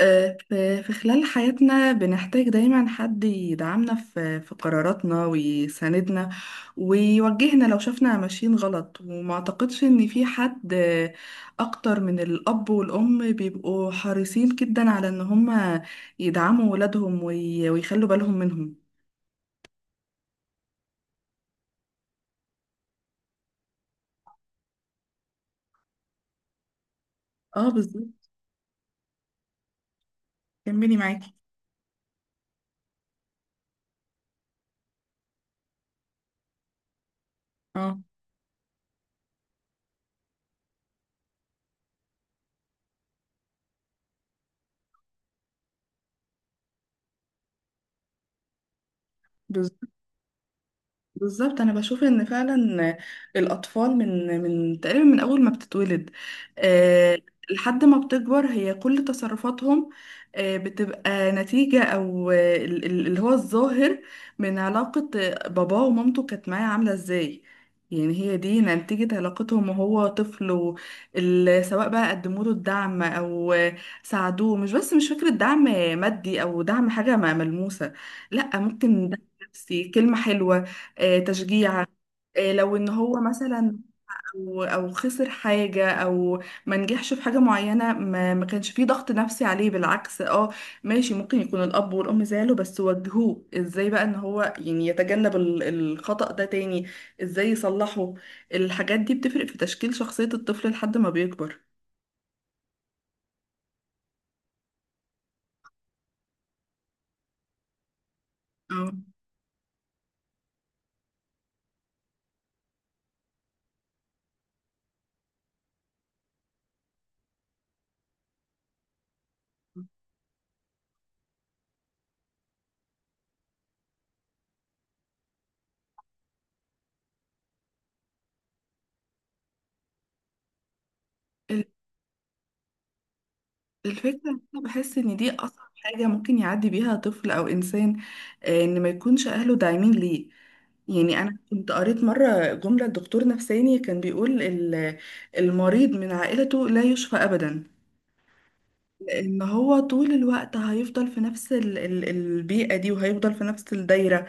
في خلال حياتنا بنحتاج دايما حد يدعمنا في قراراتنا ويساندنا ويوجهنا لو شفنا ماشيين غلط، وما اعتقدش ان في حد اكتر من الاب والام بيبقوا حريصين جدا على ان هم يدعموا ولادهم ويخلوا بالهم منهم. اه، بالظبط. كملي معاكي. اه، بالظبط، بالظبط. انا بشوف ان فعلا الاطفال من تقريبا من اول ما بتتولد آه، لحد ما بتكبر، هي كل تصرفاتهم بتبقى نتيجة، او اللي هو الظاهر من علاقة باباه ومامته كانت معاه عاملة ازاي. يعني هي دي نتيجة علاقتهم وهو طفل، سواء بقى قدموا له الدعم او ساعدوه. مش بس مش فكرة دعم مادي او دعم حاجة ملموسة، لا، ممكن دعم نفسي، كلمة حلوة، تشجيع، لو ان هو مثلا او خسر حاجه، او ما نجحش في حاجه معينه، ما كانش فيه ضغط نفسي عليه، بالعكس. اه، ماشي، ممكن يكون الاب والام زعلوا، بس وجهوه ازاي بقى ان هو يعني يتجنب الخطأ ده تاني، ازاي يصلحه. الحاجات دي بتفرق في تشكيل شخصيه الطفل لحد ما بيكبر. اه. ال- الفكرة إن أنا بحس إن دي أصعب حاجة ممكن يعدي بيها طفل أو إنسان، إن ما يكونش أهله داعمين ليه. يعني أنا كنت قريت مرة جملة لدكتور نفساني كان بيقول المريض من عائلته لا يشفى أبدا، لأن هو طول الوقت هيفضل في نفس البيئة دي وهيفضل في نفس الدايرة.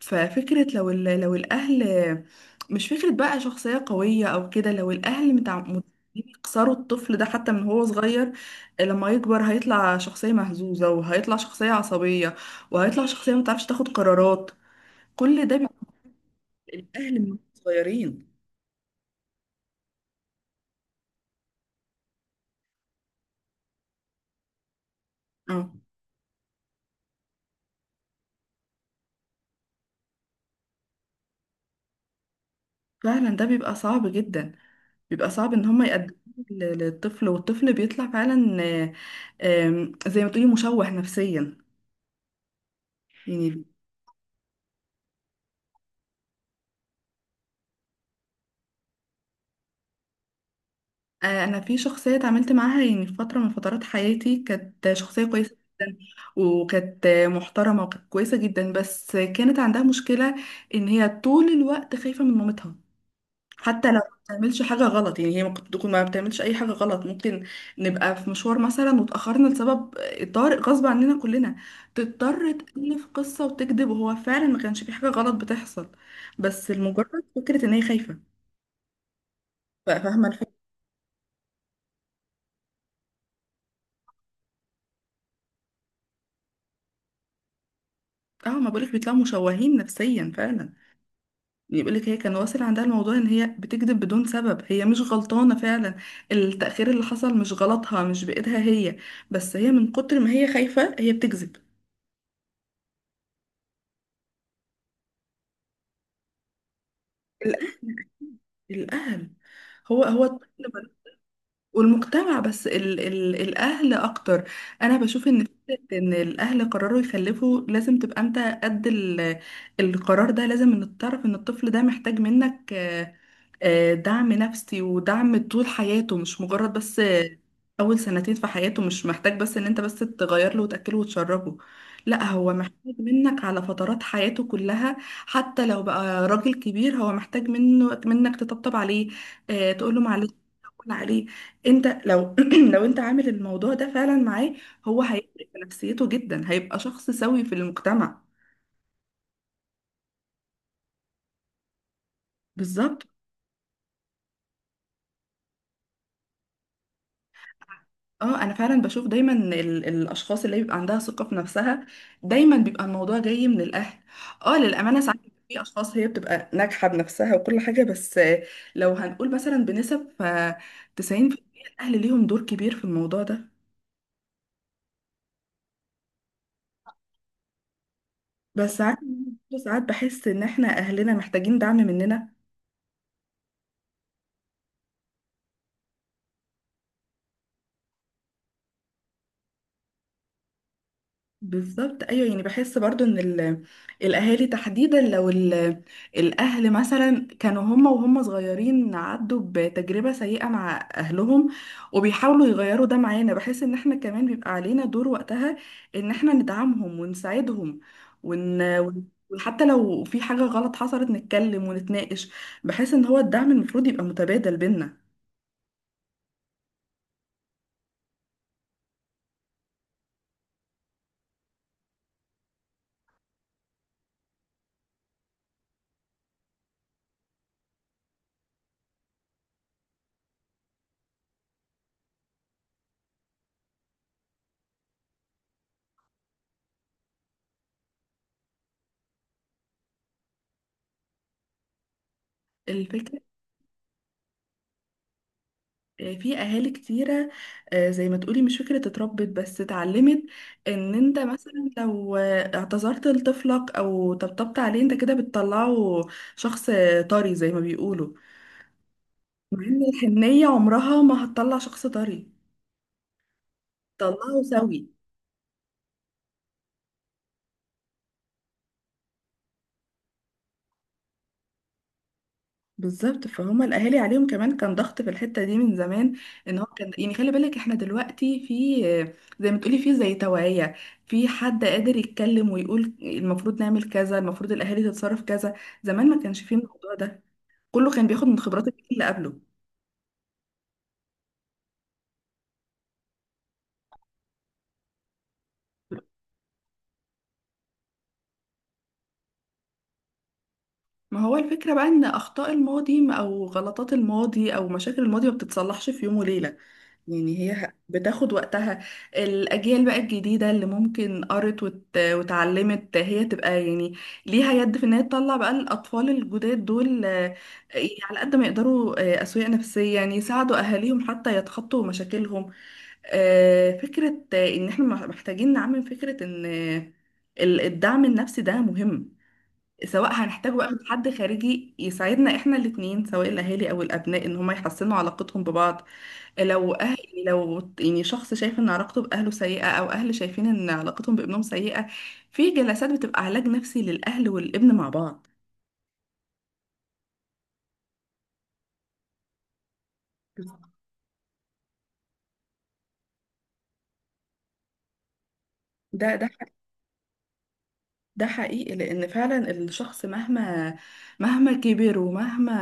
ففكرة لو لو الأهل، مش فكرة بقى شخصية قوية أو كده، لو الأهل متعودين يكسروا الطفل ده حتى من هو صغير، لما يكبر هيطلع شخصية مهزوزة، وهيطلع شخصية عصبية، وهيطلع شخصية متعرفش تاخد قرارات. كل ده بيبقى الأهل من صغيرين. اه، فعلا ده بيبقى صعب جدا، بيبقى صعب ان هم يقدموه للطفل، والطفل بيطلع فعلا آه، آم، زي ما تقولي مشوه نفسيا. يعني انا في شخصيه اتعاملت معاها، يعني في فتره من فترات حياتي، كانت شخصيه كويسه جدا وكانت محترمه وكانت كويسه جدا، بس كانت عندها مشكله ان هي طول الوقت خايفه من مامتها حتى لو ما بتعملش حاجة غلط. يعني هي ممكن تكون ما بتعملش أي حاجة غلط، ممكن نبقى في مشوار مثلا وتأخرنا لسبب طارئ غصب عننا كلنا، تضطر تألف قصة وتكذب وهو فعلا ما كانش في حاجة غلط بتحصل، بس المجرد فكرة إن هي خايفة. فاهمة الفكرة. اه، ما بقولك بيطلعوا مشوهين نفسيا فعلا. يقولك هي كان واصل عندها الموضوع ان هي بتكذب بدون سبب، هي مش غلطانة فعلا، التأخير اللي حصل مش غلطها، مش بإيدها هي، بس هي من كتر ما هي خايفة هي بتكذب. الأهل. هو هو الطفل. والمجتمع، بس ال ال الأهل أكتر. أنا بشوف إن فكرة إن الأهل قرروا يخلفوا لازم تبقى أنت قد القرار ده، لازم إن تعرف إن الطفل ده محتاج منك دعم نفسي ودعم طول حياته، مش مجرد بس أول سنتين في حياته، مش محتاج بس إن أنت بس تغير له وتأكله وتشربه، لا، هو محتاج منك على فترات حياته كلها. حتى لو بقى راجل كبير هو محتاج منك تطبطب عليه، تقول له معلش، تقول عليه. أنت لو لو أنت عامل الموضوع ده فعلا معاه، هو هيفرق في نفسيته جدا، هيبقى شخص سوي في المجتمع. بالظبط. اه، انا فعلا بشوف دايما الاشخاص اللي بيبقى عندها ثقه في نفسها، دايما بيبقى الموضوع جاي من الاهل. اه، للامانه ساعات في اشخاص هي بتبقى ناجحه بنفسها وكل حاجه، بس لو هنقول مثلا بنسب، ف 90% الاهل ليهم دور كبير في الموضوع ده. بس ساعات بحس ان احنا اهلنا محتاجين دعم مننا. بالظبط، ايوه، يعني بحس برضو ان الاهالي تحديدا، لو الاهل مثلا كانوا هم وهم صغيرين عدوا بتجربه سيئه مع اهلهم وبيحاولوا يغيروا ده معانا، بحس ان احنا كمان بيبقى علينا دور وقتها ان احنا ندعمهم ونساعدهم، وحتى لو في حاجه غلط حصلت نتكلم ونتناقش. بحس ان هو الدعم المفروض يبقى متبادل بينا. الفكره، في اهالي كتيره، زي ما تقولي مش فكره اتربت بس اتعلمت، ان انت مثلا لو اعتذرت لطفلك او طبطبت عليه انت كده بتطلعه شخص طري زي ما بيقولوا. مع ان الحنيه عمرها ما هتطلع شخص طري، طلعه سوي. بالظبط، فهم الاهالي عليهم كمان كان ضغط في الحته دي من زمان، ان هو كان يعني خلي بالك احنا دلوقتي في زي ما تقولي في زي توعيه، في حد قادر يتكلم ويقول المفروض نعمل كذا، المفروض الاهالي تتصرف كذا. زمان ما كانش فيه الموضوع ده، كله كان بياخد من خبرات الجيل اللي قبله. ما هو الفكره بقى ان اخطاء الماضي او غلطات الماضي او مشاكل الماضي ما بتتصلحش في يوم وليله، يعني هي بتاخد وقتها. الأجيال بقى الجديدة اللي ممكن قرت وتعلمت، هي تبقى يعني ليها يد في إن هي تطلع بقى الأطفال الجداد دول، يعني على قد ما يقدروا أسوية نفسية، يعني يساعدوا أهاليهم حتى يتخطوا مشاكلهم. فكرة إن إحنا محتاجين نعمم فكرة إن الدعم النفسي ده مهم، سواء هنحتاج بقى من حد خارجي يساعدنا احنا الاتنين، سواء الاهالي او الابناء، ان هما يحسنوا علاقتهم ببعض. لو أهل، يعني لو يعني شخص شايف ان علاقته باهله سيئه، او اهل شايفين ان علاقتهم بابنهم سيئه، في جلسات بتبقى علاج نفسي للاهل والابن مع بعض. ده ده ده حقيقي، لأن فعلا الشخص مهما كبر ومهما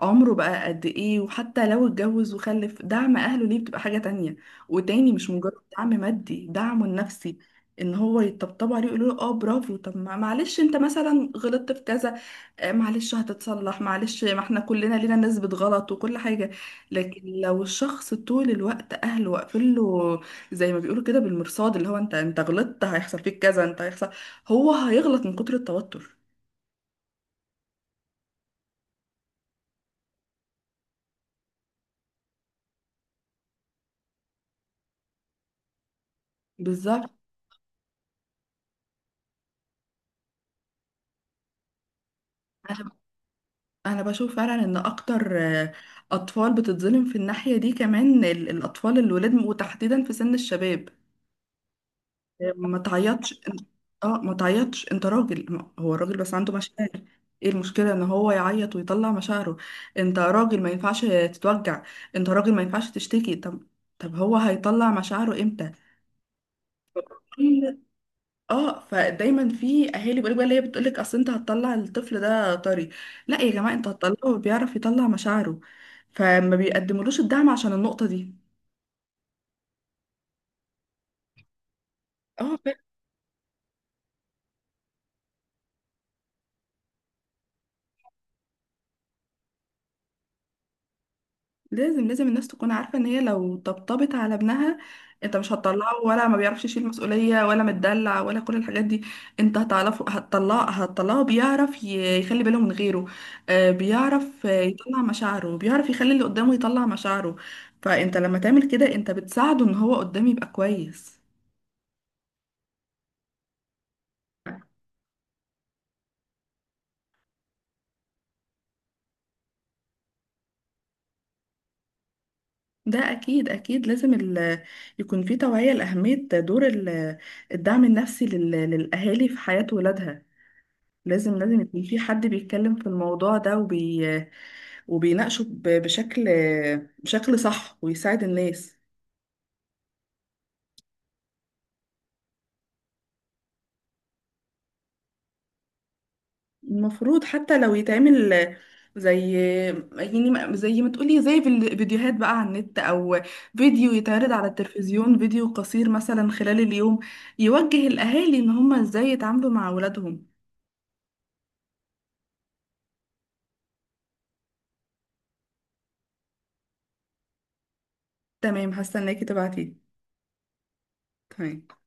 عمره بقى قد إيه، وحتى لو اتجوز وخلف، دعم أهله ليه بتبقى حاجة تانية وتاني، مش مجرد دعم مادي، دعمه النفسي، إن هو يطبطبوا عليه ويقولوا له اه برافو، طب معلش انت مثلا غلطت في كذا، معلش هتتصلح، معلش، ما احنا كلنا لينا نسبة غلط وكل حاجة. لكن لو الشخص طول الوقت أهله واقفين له زي ما بيقولوا كده بالمرصاد، اللي هو انت غلطت هيحصل فيك كذا، انت هيحصل، هو هيغلط من كتر التوتر. بالظبط. انا انا بشوف فعلا ان اكتر اطفال بتتظلم في الناحيه دي، كمان الاطفال الولاد، وتحديدا في سن الشباب. ما تعيطش. اه، ما تعيطش، انت راجل، هو الراجل بس عنده مشاعر. ايه المشكله ان هو يعيط ويطلع مشاعره؟ انت راجل ما ينفعش تتوجع، انت راجل ما ينفعش تشتكي. طب، طب هو هيطلع مشاعره امتى؟ اه، فدايما في اهالي بيقولوا بقى، اللي هي بتقولك اصل انت هتطلع الطفل ده طري. لا يا جماعه، انت هتطلعه بيعرف يطلع مشاعره، فما بيقدملوش الدعم عشان النقطه دي. اه، لازم لازم الناس تكون عارفة ان هي لو طبطبت على ابنها انت مش هتطلعه ولا ما بيعرفش يشيل مسؤولية ولا متدلع ولا كل الحاجات دي، انت هتعرفه، هتطلعه بيعرف يخلي باله من غيره، بيعرف يطلع مشاعره، بيعرف يخلي اللي قدامه يطلع مشاعره. فانت لما تعمل كده انت بتساعده ان هو قدامه يبقى كويس. ده اكيد اكيد لازم يكون في توعية لأهمية دور الدعم النفسي للأهالي في حياة ولادها. لازم لازم يكون في حد بيتكلم في الموضوع ده وبيناقشه بشكل صح، ويساعد الناس. المفروض حتى لو يتعمل زي، يعني زي ما تقولي زي فيديوهات بقى على النت، او فيديو يتعرض على التلفزيون، فيديو قصير مثلا خلال اليوم، يوجه الاهالي ان هم ازاي يتعاملوا مع اولادهم. تمام، حاسه انك تبعتي. تمام.